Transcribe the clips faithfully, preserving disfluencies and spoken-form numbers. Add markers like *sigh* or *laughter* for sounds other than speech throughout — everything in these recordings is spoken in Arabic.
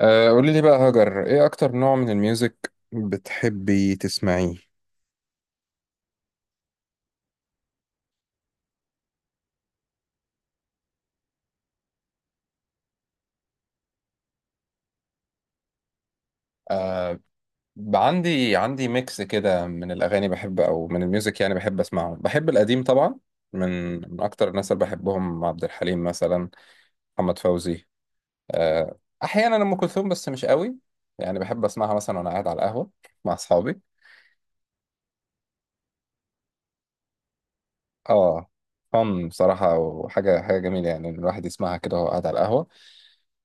آه، قولي لي بقى هاجر، ايه اكتر نوع من الميوزك بتحبي تسمعيه؟ آه، عندي عندي ميكس كده من الأغاني بحب، أو من الميوزك، يعني بحب أسمعه، بحب القديم طبعا. من من أكتر الناس اللي بحبهم عبد الحليم مثلا، محمد فوزي. آه أحيانا أم كلثوم، بس مش قوي. يعني بحب أسمعها مثلا وأنا قاعد على القهوة مع أصحابي. آه، فن بصراحة، وحاجة حاجة جميلة يعني، إن الواحد يسمعها كده وهو قاعد على القهوة.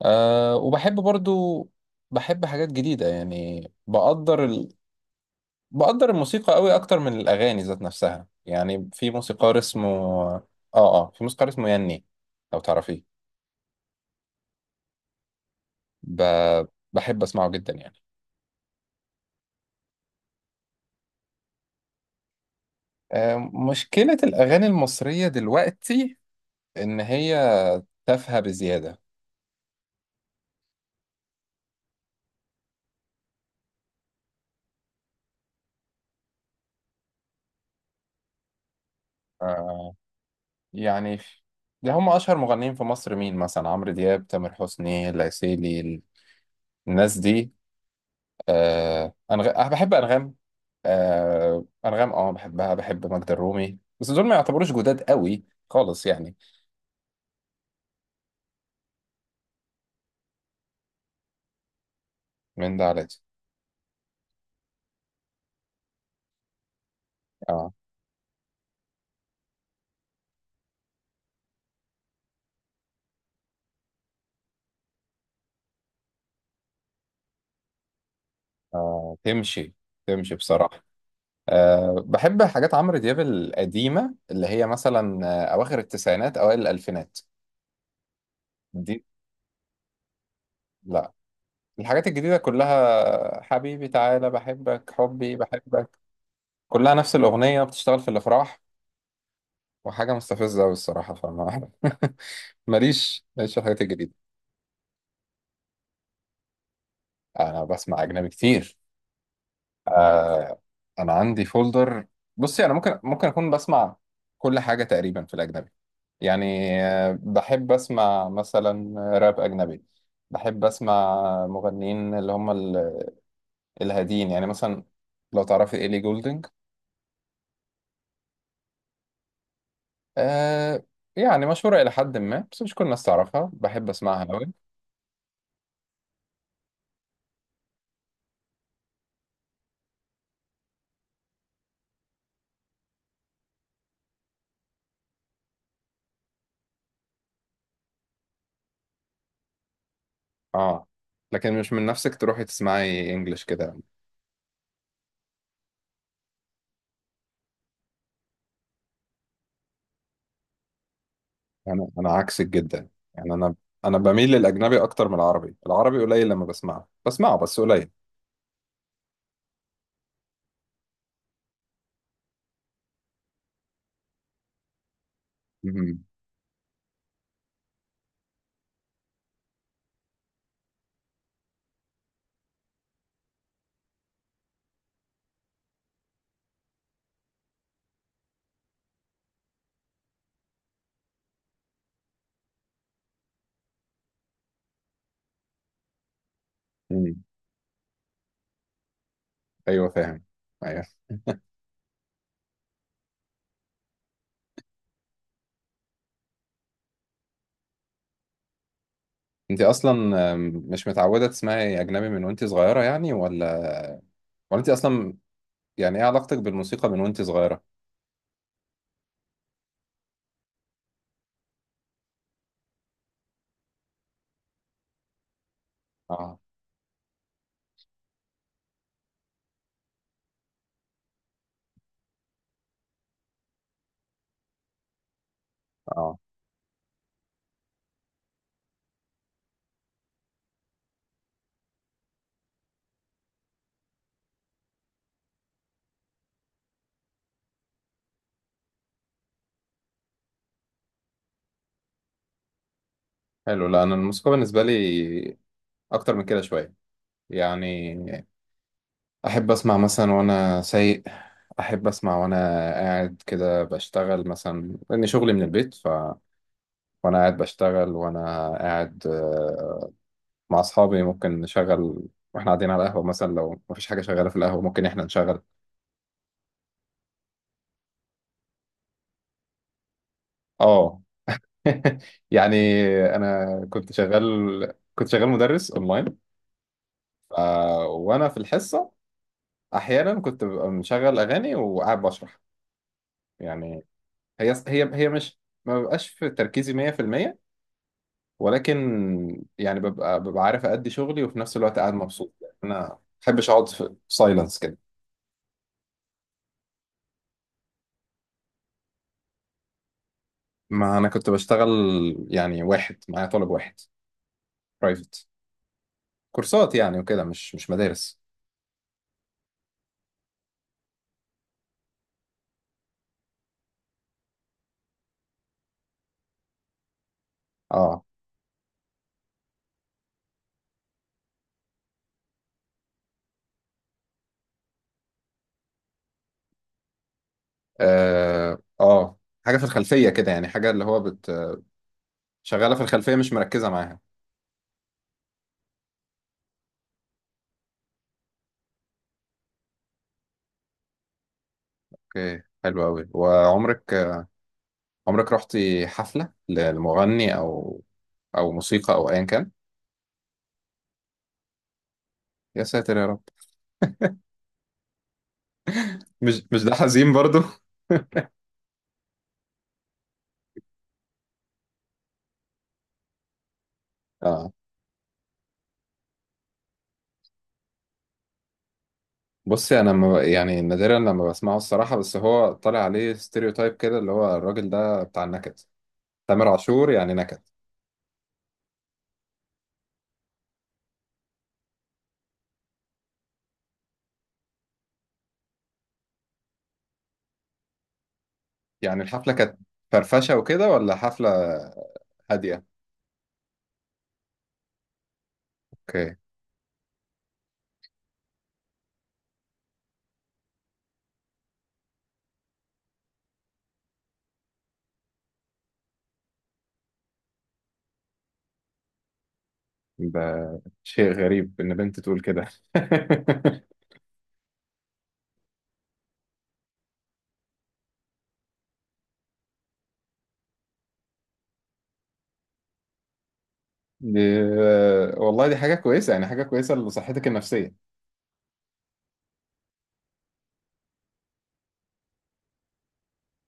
أه وبحب برضو، بحب حاجات جديدة يعني. بقدر ال... بقدر الموسيقى قوي أكتر من الأغاني ذات نفسها، يعني في موسيقار اسمه. آه آه في موسيقار اسمه يني، لو تعرفيه. ب... بحب أسمعه جدا يعني. أه مشكلة الأغاني المصرية دلوقتي إن هي تافهة بزيادة. أه يعني ده هم أشهر مغنيين في مصر، مين مثلا؟ عمرو دياب، تامر حسني، العسيلي، الناس دي. آه أنغ... أنا بحب أنغام. آه أنغام، أه بحبها، بحب ماجدة الرومي، بس دول ما يعتبروش جداد قوي خالص يعني. من ده على ده. أه آه تمشي تمشي بصراحة. أه بحب حاجات عمرو دياب القديمة، اللي هي مثلا آه، أواخر التسعينات، أوائل الألفينات. دي، لا، الحاجات الجديدة كلها حبيبي تعالى بحبك حبي بحبك. كلها نفس الأغنية بتشتغل في الأفراح وحاجة مستفزة أوي الصراحة، فما *laughs* ماليش ماليش في الحاجات الجديدة. انا بسمع اجنبي كتير. آه، انا عندي فولدر. بصي انا ممكن ممكن اكون بسمع كل حاجه تقريبا في الاجنبي يعني. آه، بحب اسمع مثلا راب اجنبي، بحب اسمع مغنيين اللي هم ال- الهاديين يعني، مثلا لو تعرفي ايلي جولدنج. آه، يعني مشهوره الى حد ما، بس مش كل الناس تعرفها، بحب اسمعها قوي. اه، لكن مش من نفسك تروحي تسمعي انجلش كده؟ انا انا عكسك جدا، يعني انا انا بميل للاجنبي اكتر من العربي. العربي قليل، لما بسمعه، بسمعه بس قليل. مهم. مم. ايوه فاهم. ايوه. انت اصلا أم، مش متعوده تسمعي اجنبي من وانت صغيره يعني؟ ولا ولا انت اصلا، يعني ايه علاقتك بالموسيقى من وانت صغيره؟ اه اه. حلو، لا انا الموسيقى بالنسبه لي اكتر من كده شويه يعني. احب اسمع مثلا وانا سايق، احب اسمع وانا قاعد كده بشتغل مثلا، لان شغلي من البيت، وانا قاعد بشتغل وانا قاعد آه، مع اصحابي ممكن نشغل. واحنا قاعدين على القهوه مثلا، لو مفيش حاجه شغاله في القهوه ممكن احنا نشغل. اه. *laughs* يعني انا كنت شغال كنت شغال مدرس اونلاين. آه، وانا في الحصه احيانا كنت ببقى مشغل اغاني وقاعد بشرح يعني. هي هي هي مش ما ببقاش في تركيزي مية في المية، ولكن يعني ببقى ببقى عارف ادي شغلي وفي نفس الوقت قاعد مبسوط، يعني انا ما بحبش اقعد في سايلنس كده. ما انا كنت بشتغل يعني واحد معايا، طالب واحد برايفت، كورسات يعني وكده، مش مش مدارس. اه اه اه، حاجه في الخلفيه كده يعني، حاجه اللي هو بت شغاله في الخلفيه مش مركزه معاها. اوكي، حلو قوي. وعمرك عمرك رحتي حفله لمغني او او موسيقى، او ايا كان؟ يا ساتر يا رب. مش مش ده حزين برضو؟ *laughs* اه، بصي انا ما يعني نادرا لما بسمعه الصراحه، بس هو طالع عليه ستيريو تايب كده اللي هو الراجل ده بتاع النكد. تامر عاشور يعني نكد. يعني الحفلة كانت فرفشة وكده ولا حفلة هادية؟ اوكي. ده شيء غريب ان بنت تقول كده. *laughs* دي والله دي حاجة كويسة يعني، حاجة كويسة لصحتك النفسية.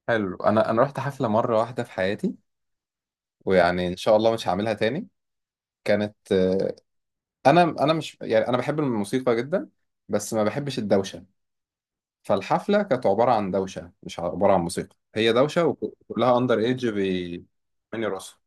حلو. انا انا رحت حفلة مرة واحدة في حياتي، ويعني ان شاء الله مش هعملها تاني، كانت آه، انا انا مش يعني، انا بحب الموسيقى جدا بس ما بحبش الدوشة. فالحفلة كانت عبارة عن دوشة، مش عبارة عن موسيقى، هي دوشة وكلها اندر ايدج بي من راسهم.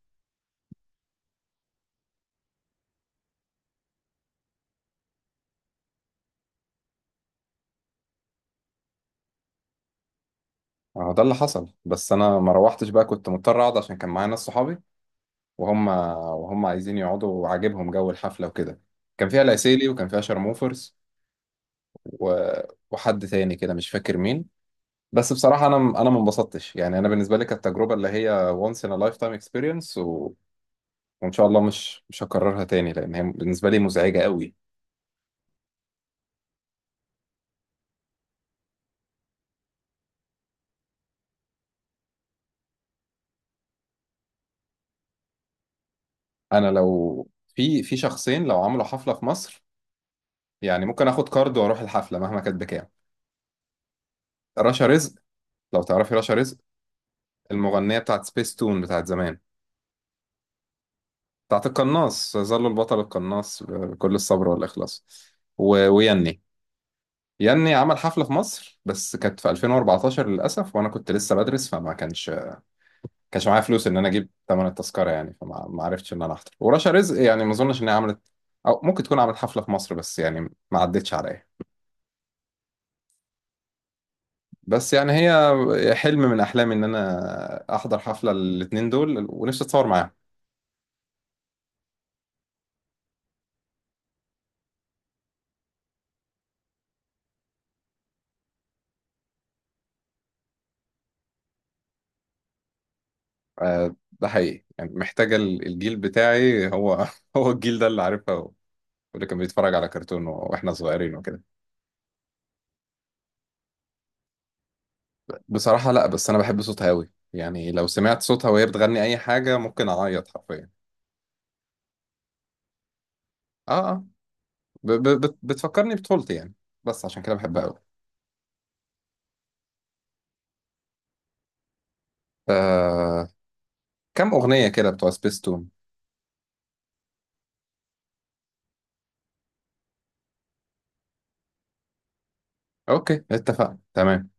هو ده اللي حصل، بس انا ما روحتش بقى، كنت مضطر اقعد عشان كان معايا ناس صحابي، وهم وهم عايزين يقعدوا وعاجبهم جو الحفله وكده. كان فيها العسيلي وكان فيها شرموفرز، و... وحد تاني كده مش فاكر مين. بس بصراحه انا انا ما انبسطتش يعني، انا بالنسبه لي كانت تجربه اللي هي once in a lifetime experience، و... وان شاء الله مش مش هكررها تاني لان هي بالنسبه لي مزعجه قوي. انا لو، في في شخصين لو عملوا حفله في مصر يعني ممكن اخد كارد واروح الحفله مهما كانت بكام. رشا رزق، لو تعرفي رشا رزق، المغنية بتاعت سبيس تون بتاعت زمان. بتاعت القناص، يظل البطل القناص بكل الصبر والإخلاص. و... ويني يني عمل حفلة في مصر، بس كانت في ألفين وأربعة عشر للأسف وأنا كنت لسه بدرس، فما كانش كانش معايا فلوس إن أنا أجيب تمن التذكرة يعني، فما ما عرفتش إن أنا أحضر، ورشا رزق يعني ما أظنش إن هي عملت، أو ممكن تكون عملت حفلة في مصر بس يعني ما عدتش عليا. بس يعني هي حلم من أحلامي إن أنا أحضر حفلة الاتنين دول، ونفسي أتصور معاهم. آه، ده حقيقي يعني، محتاجة ال- الجيل بتاعي، هو. *laughs* هو الجيل ده اللي عارفها، هو واللي كان بيتفرج على كرتون و- واحنا صغيرين وكده. بصراحة لا، بس انا بحب صوتها قوي يعني، لو سمعت صوتها وهي بتغني اي حاجة ممكن اعيط حرفيا. اه اه. ب ب بت- بتفكرني بطفولتي يعني، بس عشان كده بحبها قوي. آه، كم اغنية كده بتوع سبيستون. اوكي، اتفقنا تمام.